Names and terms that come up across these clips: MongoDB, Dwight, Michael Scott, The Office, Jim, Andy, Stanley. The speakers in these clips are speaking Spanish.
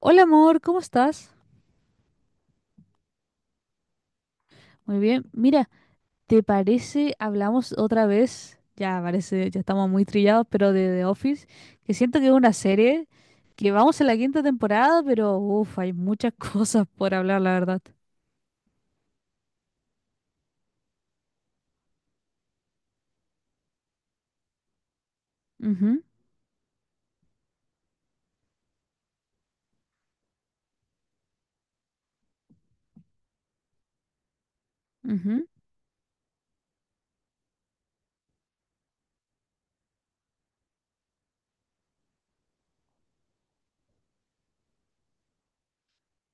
Hola amor, ¿cómo estás? Muy bien. Mira, ¿te parece hablamos otra vez? Ya parece, ya estamos muy trillados, pero de The Office, que siento que es una serie que vamos a la quinta temporada, pero uff, hay muchas cosas por hablar, la verdad. Ujú, ujú.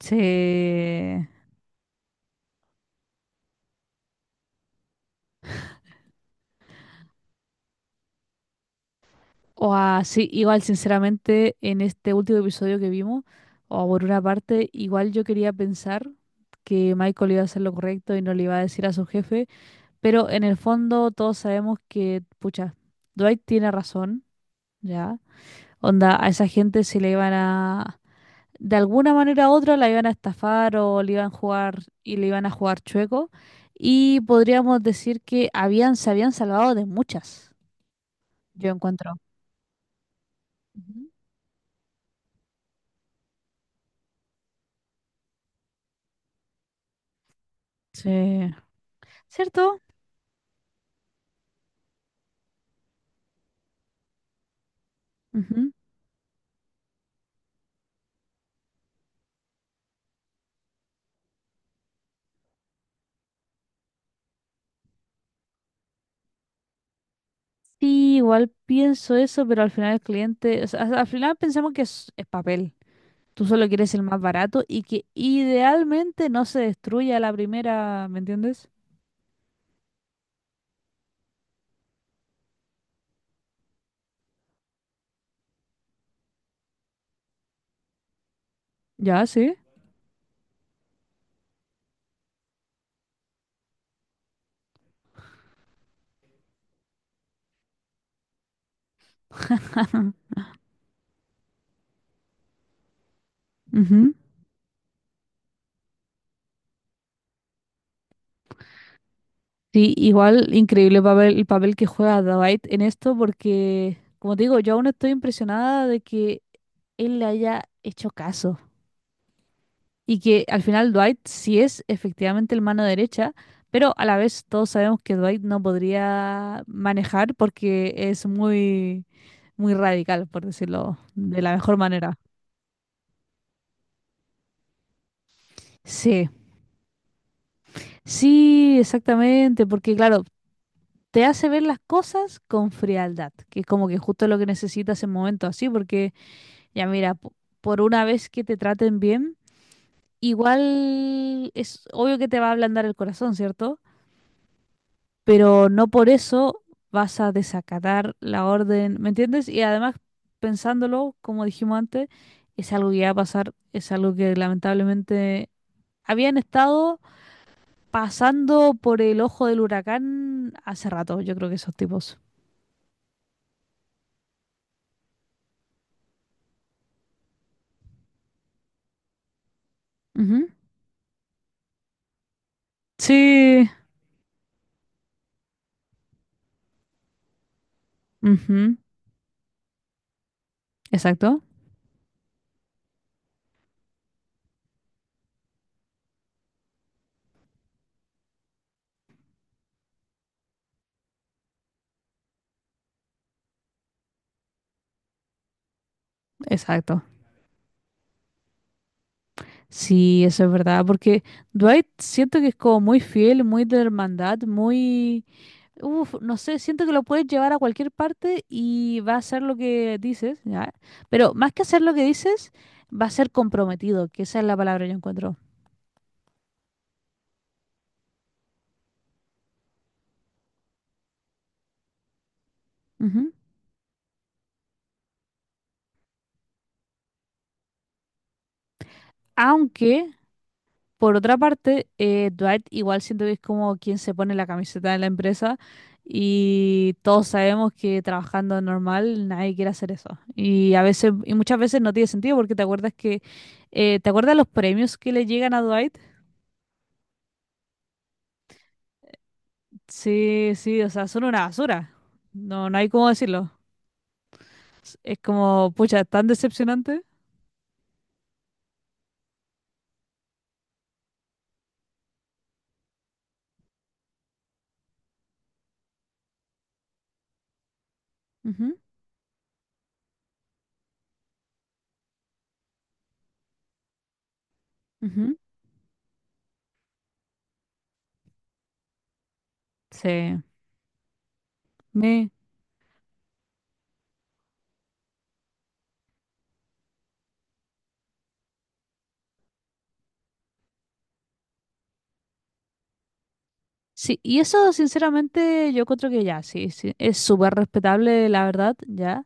Sí. O así, igual sinceramente en este último episodio que vimos, o por una parte, igual yo quería pensar que Michael iba a hacer lo correcto y no le iba a decir a su jefe. Pero en el fondo todos sabemos que, pucha, Dwight tiene razón, ¿ya? Onda, a esa gente se le iban a, de alguna manera u otra, la iban a estafar o le iban a jugar y le iban a jugar chueco. Y podríamos decir que habían, se habían salvado de muchas, yo encuentro. Ujú. Sí. ¿Cierto? Ujú. Sí, igual pienso eso, pero al final el cliente, o sea, al final pensamos que es papel. Tú solo quieres el más barato y que idealmente no se destruya a la primera, ¿me entiendes? Ya, sí. Ujú. Sí, igual increíble papel, el papel que juega Dwight en esto porque, como te digo, yo aún estoy impresionada de que él le haya hecho caso y que al final Dwight sí es efectivamente el mano derecha, pero a la vez todos sabemos que Dwight no podría manejar porque es muy, muy radical, por decirlo de la mejor manera. Sí, sí, exactamente, porque claro, te hace ver las cosas con frialdad, que es como que justo lo que necesitas en momentos así, porque ya mira, por una vez que te traten bien, igual es obvio que te va a ablandar el corazón, ¿cierto? Pero no por eso vas a desacatar la orden, ¿me entiendes? Y además, pensándolo, como dijimos antes, es algo que va a pasar, es algo que lamentablemente habían estado pasando por el ojo del huracán hace rato, yo creo que esos tipos. Ujú. Sí, ujú, exacto, exacto. Sí, eso es verdad, porque Dwight siento que es como muy fiel, muy de hermandad, muy... Uf, no sé, siento que lo puedes llevar a cualquier parte y va a hacer lo que dices, ¿ya? Pero más que hacer lo que dices, va a ser comprometido, que esa es la palabra que yo encuentro. Ujú. Aunque por otra parte, Dwight igual siento que es como quien se pone la camiseta de la empresa y todos sabemos que trabajando normal nadie quiere hacer eso. Y a veces, y muchas veces no tiene sentido porque te acuerdas que, ¿te acuerdas los premios que le llegan a Dwight? Sí, sí, o sea, son una basura. No, no hay cómo decirlo. Es como, pucha, tan decepcionante. Ujú, ujú. Sí, me... Sí, y eso sinceramente yo encuentro que ya, sí, sí, es súper respetable, la verdad, ya.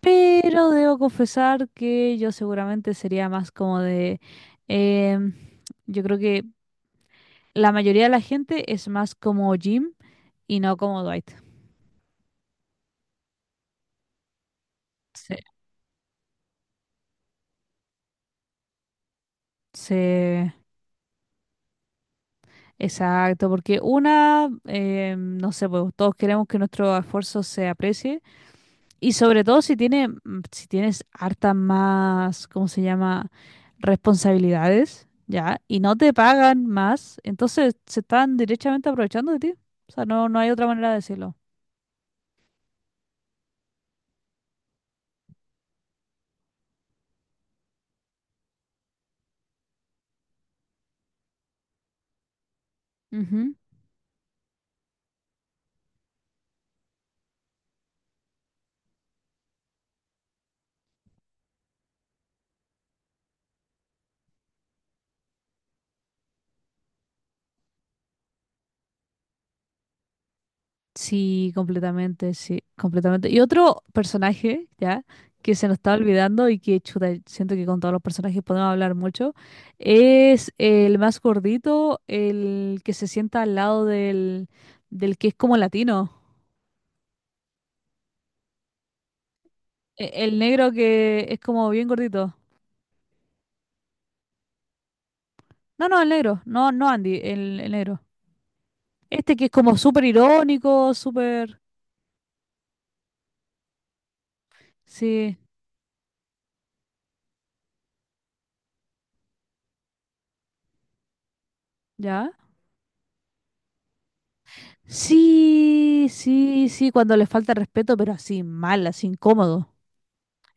Pero debo confesar que yo seguramente sería más como de... em, yo creo que la mayoría de la gente es más como Jim y no como Dwight. Sí. Sí, exacto, porque una, no sé, pues todos queremos que nuestro esfuerzo se aprecie. Y sobre todo si tiene, si tienes hartas más, ¿cómo se llama? Responsabilidades, ¿ya? Y no te pagan más, entonces se están derechamente aprovechando de ti. O sea, no, no hay otra manera de decirlo. Ujú. Sí, completamente, sí, completamente. Y otro personaje, ¿ya? Que se nos está olvidando y que, chuta, siento que con todos los personajes podemos hablar mucho, es el más gordito, el que se sienta al lado del que es como latino. El negro que es como bien gordito. No, no, el negro. No, no Andy, el negro. Este que es como súper irónico, súper... Sí, ¿ya? Sí, sí, sí, cuando le falta respeto, pero así, mal, así, incómodo.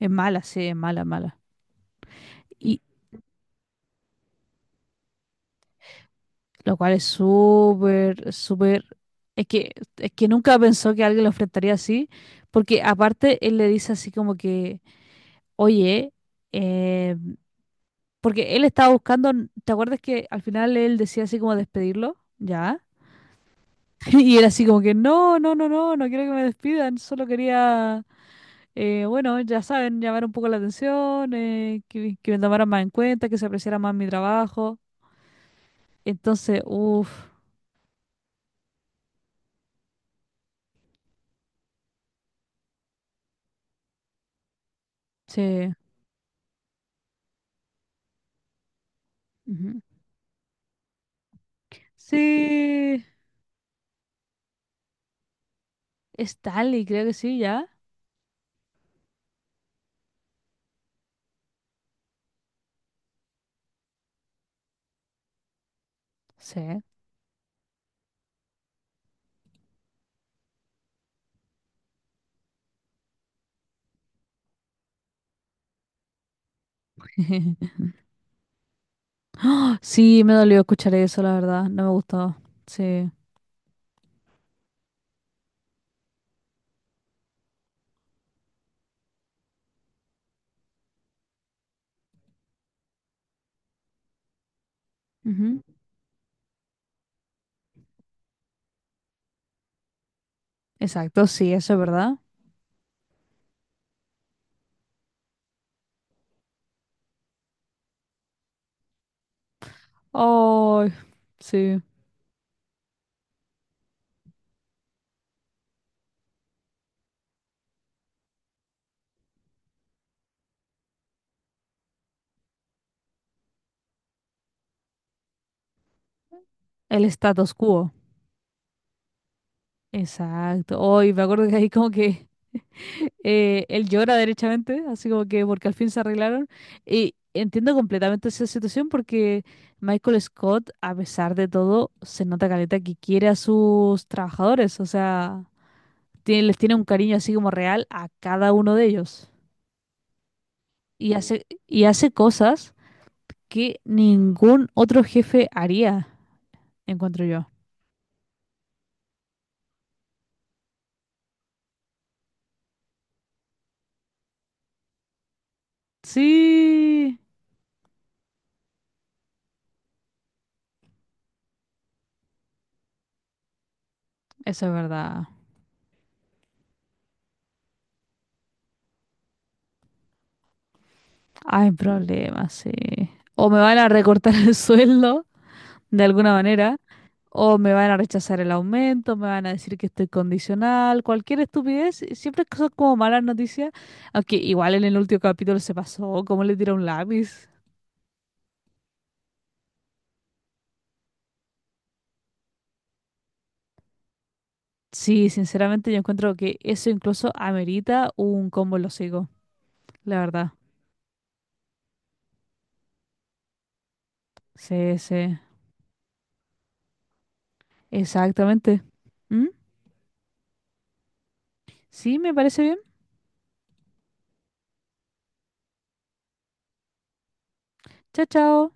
Es mala, sí, es mala, mala. Y lo cual es súper, súper... Es que, es que nunca pensó que alguien lo enfrentaría así, porque aparte él le dice así como que, oye, em, porque él estaba buscando, ¿te acuerdas que al final él decía así como despedirlo? Ya. Y era así como que, no, no, no, no, no quiero que me despidan, solo quería, bueno, ya saben, llamar un poco la atención, que me tomaran más en cuenta, que se apreciara más mi trabajo. Entonces, uff, sí. Ujú. Sí, Stanley, creo que sí, ya. Sí. Sí, me dolió escuchar eso, la verdad, no me gustó. Sí. Ujú. Exacto, sí, eso es verdad. Ay, sí. El status quo. Exacto. Hoy me acuerdo que ahí como que él llora derechamente, así como que porque al fin se arreglaron. Y entiendo completamente esa situación porque Michael Scott, a pesar de todo, se nota caleta que quiere a sus trabajadores. O sea, les tiene un cariño así como real a cada uno de ellos. Y hace cosas que ningún otro jefe haría, encuentro yo. Sí, eso es verdad. Hay problemas, sí. O me van a recortar el sueldo de alguna manera, o me van a rechazar el aumento, me van a decir que estoy condicional, cualquier estupidez, siempre cosas como malas noticias, aunque igual en el último capítulo se pasó, como le tira un lápiz. Sí, sinceramente yo encuentro que eso incluso amerita un combo en los hocicos, la verdad. Sí, sí, exactamente. ¿Mm? Sí, me parece bien. Chao, chao.